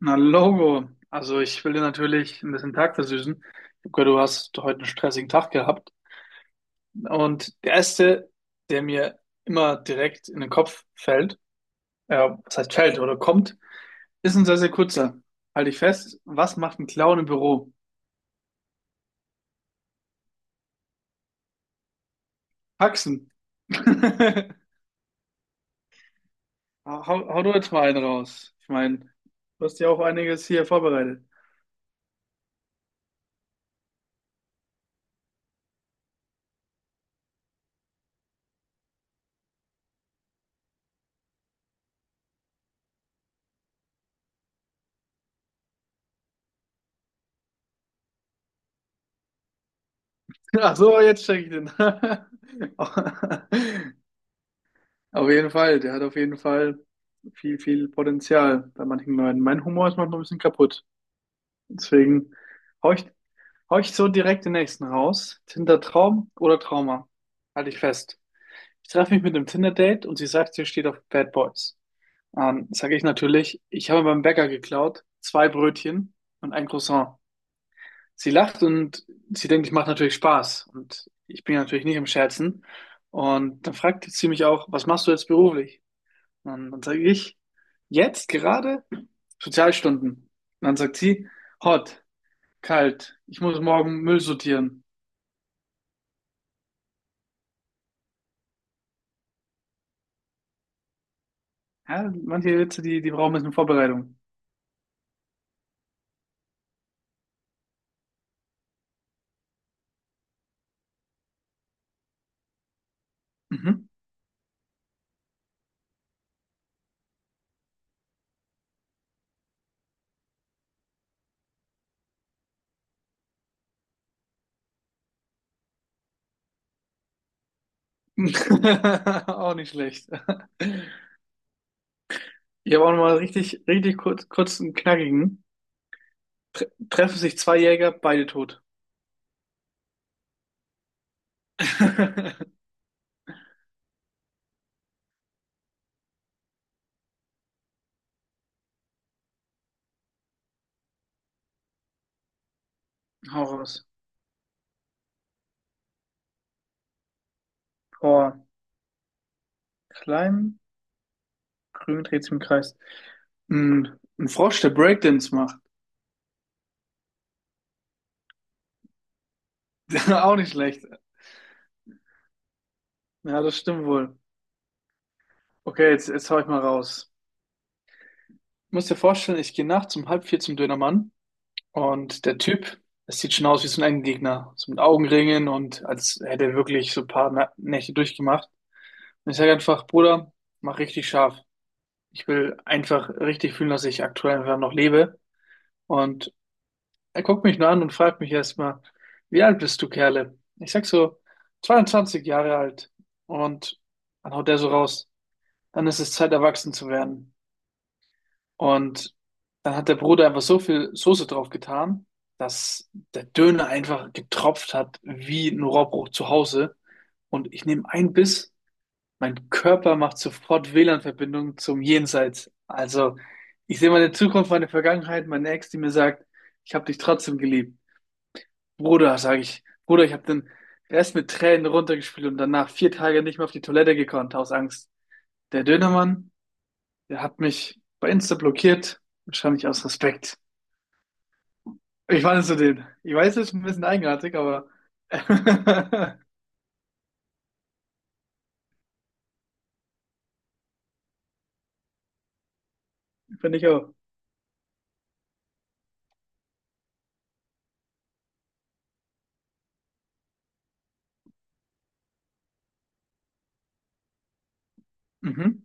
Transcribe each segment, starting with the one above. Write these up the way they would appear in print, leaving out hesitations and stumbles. Na logo, also ich will dir natürlich ein bisschen Tag versüßen. Ich habe gehört, du hast heute einen stressigen Tag gehabt. Und der erste, der mir immer direkt in den Kopf fällt, ja, was heißt fällt oder kommt, ist ein sehr, sehr kurzer. Halte ich fest, was macht ein Clown im Büro? Paxen. Hau du jetzt mal einen raus. Ich meine, du hast ja auch einiges hier vorbereitet. Ach so, jetzt check ich den. Auf jeden Fall, der hat auf jeden Fall viel, viel Potenzial bei manchen Leuten. Mein Humor ist manchmal ein bisschen kaputt. Deswegen hau ich, hau ich so direkt den nächsten raus. Tinder, Traum oder Trauma? Halte ich fest. Ich treffe mich mit einem Tinder-Date und sie sagt, sie steht auf Bad Boys. Sage ich natürlich, ich habe beim Bäcker geklaut, zwei Brötchen und ein Croissant. Sie lacht und sie denkt, ich mache natürlich Spaß. Und ich bin ja natürlich nicht im Scherzen. Und dann fragt sie mich auch, was machst du jetzt beruflich? Und dann sage ich, jetzt gerade Sozialstunden. Und dann sagt sie, hot, kalt, ich muss morgen Müll sortieren. Ja, manche Witze, die brauchen ein bisschen Vorbereitung. Mhm. Auch nicht schlecht. Ich habe auch nochmal richtig, richtig kurz einen knackigen. Treffen sich zwei Jäger, beide tot. Hau raus. Oh, klein, grün dreht sich im Kreis. Ein Frosch, der Breakdance macht. Auch nicht schlecht. Ja, das stimmt wohl. Okay, jetzt hau ich mal raus. Du musst dir vorstellen, ich gehe nachts um halb vier zum Dönermann und der Typ, das sieht schon aus wie so ein Endgegner. So mit Augenringen und als hätte er wirklich so ein paar Nächte durchgemacht. Und ich sage einfach, Bruder, mach richtig scharf. Ich will einfach richtig fühlen, dass ich aktuell einfach noch lebe. Und er guckt mich nur an und fragt mich erstmal, wie alt bist du, Kerle? Ich sag so, 22 Jahre alt. Und dann haut der so raus, dann ist es Zeit, erwachsen zu werden. Und dann hat der Bruder einfach so viel Soße drauf getan, dass der Döner einfach getropft hat wie ein Rohrbruch zu Hause. Und ich nehme einen Biss, mein Körper macht sofort WLAN-Verbindung zum Jenseits. Also ich sehe meine Zukunft, meine Vergangenheit, meine Ex, die mir sagt, ich habe dich trotzdem geliebt. Bruder, sage ich, Bruder, ich habe den Rest mit Tränen runtergespielt und danach 4 Tage nicht mehr auf die Toilette gekonnt, aus Angst. Der Dönermann, der hat mich bei Insta blockiert, wahrscheinlich aus Respekt. Wie fandest du den? Ich weiß, es ist ein bisschen eigenartig, aber finde ich auch. Mhm.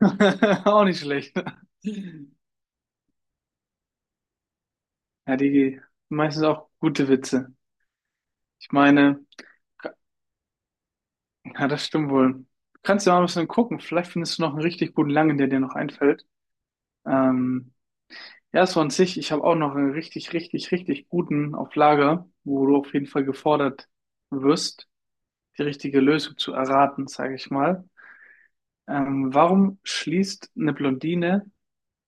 Auch nicht schlecht. Ja, die meistens auch gute Witze. Ich meine, ja, das stimmt wohl. Kannst du mal ein bisschen gucken. Vielleicht findest du noch einen richtig guten Langen, der dir noch einfällt. Ähm, ja, so an sich, ich habe auch noch einen richtig, richtig, richtig guten auf Lager, wo du auf jeden Fall gefordert wirst, die richtige Lösung zu erraten, sage ich mal. Warum schließt eine Blondine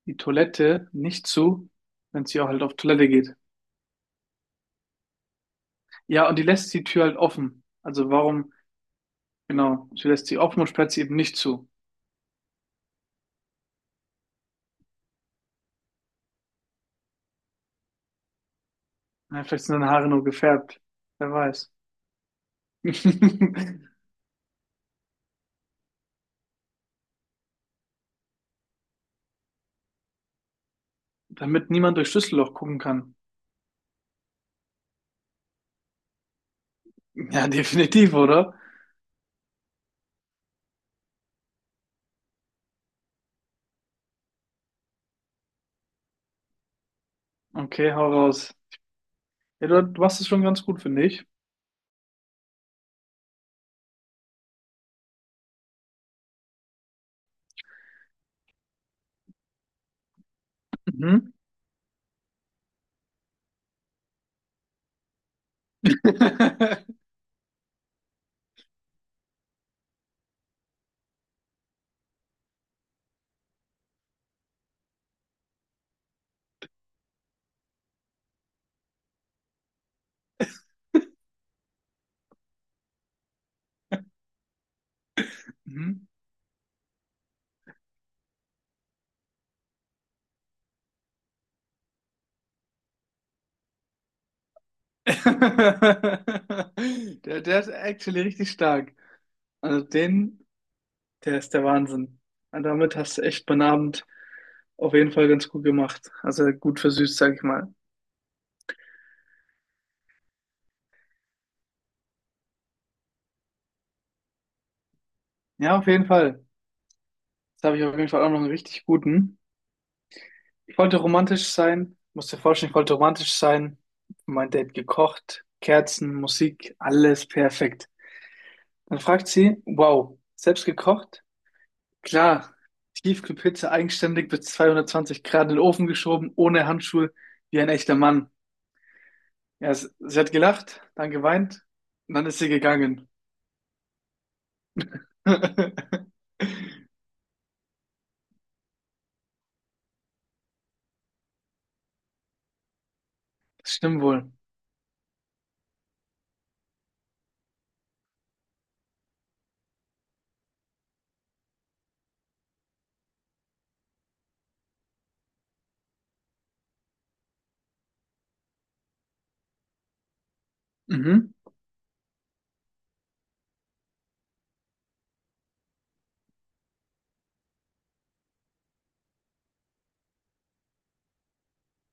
die Toilette nicht zu, wenn sie auch halt auf Toilette geht. Ja, und die lässt die Tür halt offen. Also warum, genau, sie lässt sie offen und sperrt sie eben nicht zu. Na, vielleicht sind deine Haare nur gefärbt. Wer weiß. Damit niemand durch Schlüsselloch gucken kann. Ja, definitiv, oder? Okay, hau raus. Ja, du machst es schon ganz gut, finde ich. Mhm. Mhm. Der ist actually richtig stark. Also den. Der ist der Wahnsinn. Und damit hast du echt meinen Abend auf jeden Fall ganz gut gemacht. Also gut versüßt, sag ich mal. Ja, auf jeden Fall. Jetzt habe ich auf jeden Fall auch noch einen richtig guten. Ich wollte romantisch sein. Musst dir vorstellen, ich wollte romantisch sein. Für mein Date gekocht, Kerzen, Musik, alles perfekt. Dann fragt sie, wow, selbst gekocht? Klar, Tiefkühlpizza eigenständig bis 220 Grad in den Ofen geschoben, ohne Handschuhe, wie ein echter Mann. Ja, es, sie hat gelacht, dann geweint und dann ist sie gegangen. Das stimmt wohl. Mhm.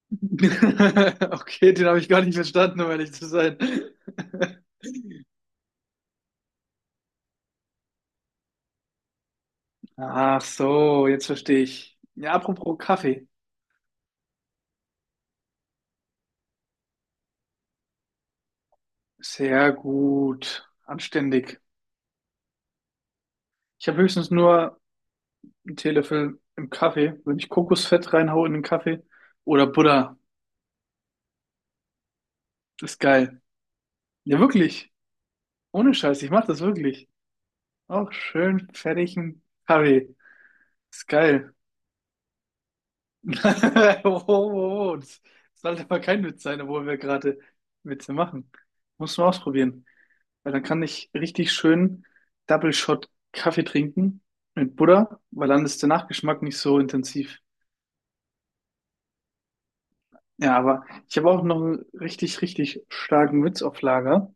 Okay, den habe ich gar nicht verstanden, um ehrlich zu sein. Ach so, jetzt verstehe ich. Ja, apropos Kaffee. Sehr gut. Anständig. Ich habe höchstens nur einen Teelöffel im Kaffee. Wenn ich Kokosfett reinhaue in den Kaffee oder Butter, das ist geil. Ja, wirklich. Ohne Scheiß, ich mache das wirklich. Auch schön fertigen Kaffee. Ist geil. Oh, oh, oh, das sollte mal kein Witz sein, obwohl wir gerade Witze machen. Muss man ausprobieren. Weil dann kann ich richtig schön Double Shot Kaffee trinken mit Butter, weil dann ist der Nachgeschmack nicht so intensiv. Ja, aber ich habe auch noch einen richtig, richtig starken Witz auf Lager.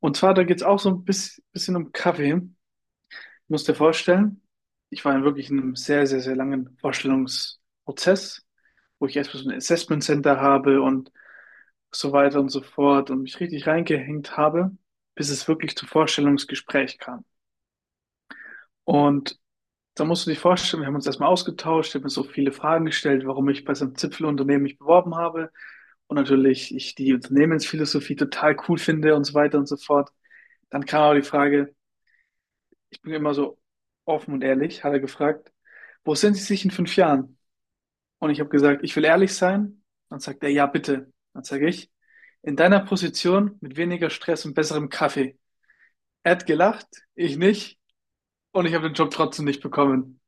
Und zwar, da geht es auch so ein bisschen um Kaffee. Du musst dir vorstellen, ich war in wirklich einem sehr, sehr, sehr langen Vorstellungsprozess, wo ich erstmal so ein Assessment Center habe und so weiter und so fort und mich richtig reingehängt habe, bis es wirklich zum Vorstellungsgespräch kam. Und da musst du dir vorstellen, wir haben uns erstmal ausgetauscht, ich habe mir so viele Fragen gestellt, warum ich bei so einem Zipfelunternehmen mich beworben habe und natürlich ich die Unternehmensphilosophie total cool finde und so weiter und so fort. Dann kam aber die Frage, ich bin immer so offen und ehrlich, hat er gefragt, wo sehen Sie sich in 5 Jahren? Und ich habe gesagt, ich will ehrlich sein. Dann sagt er, ja, bitte. Dann sage ich, in deiner Position mit weniger Stress und besserem Kaffee. Er hat gelacht, ich nicht. Und ich habe den Job trotzdem nicht bekommen.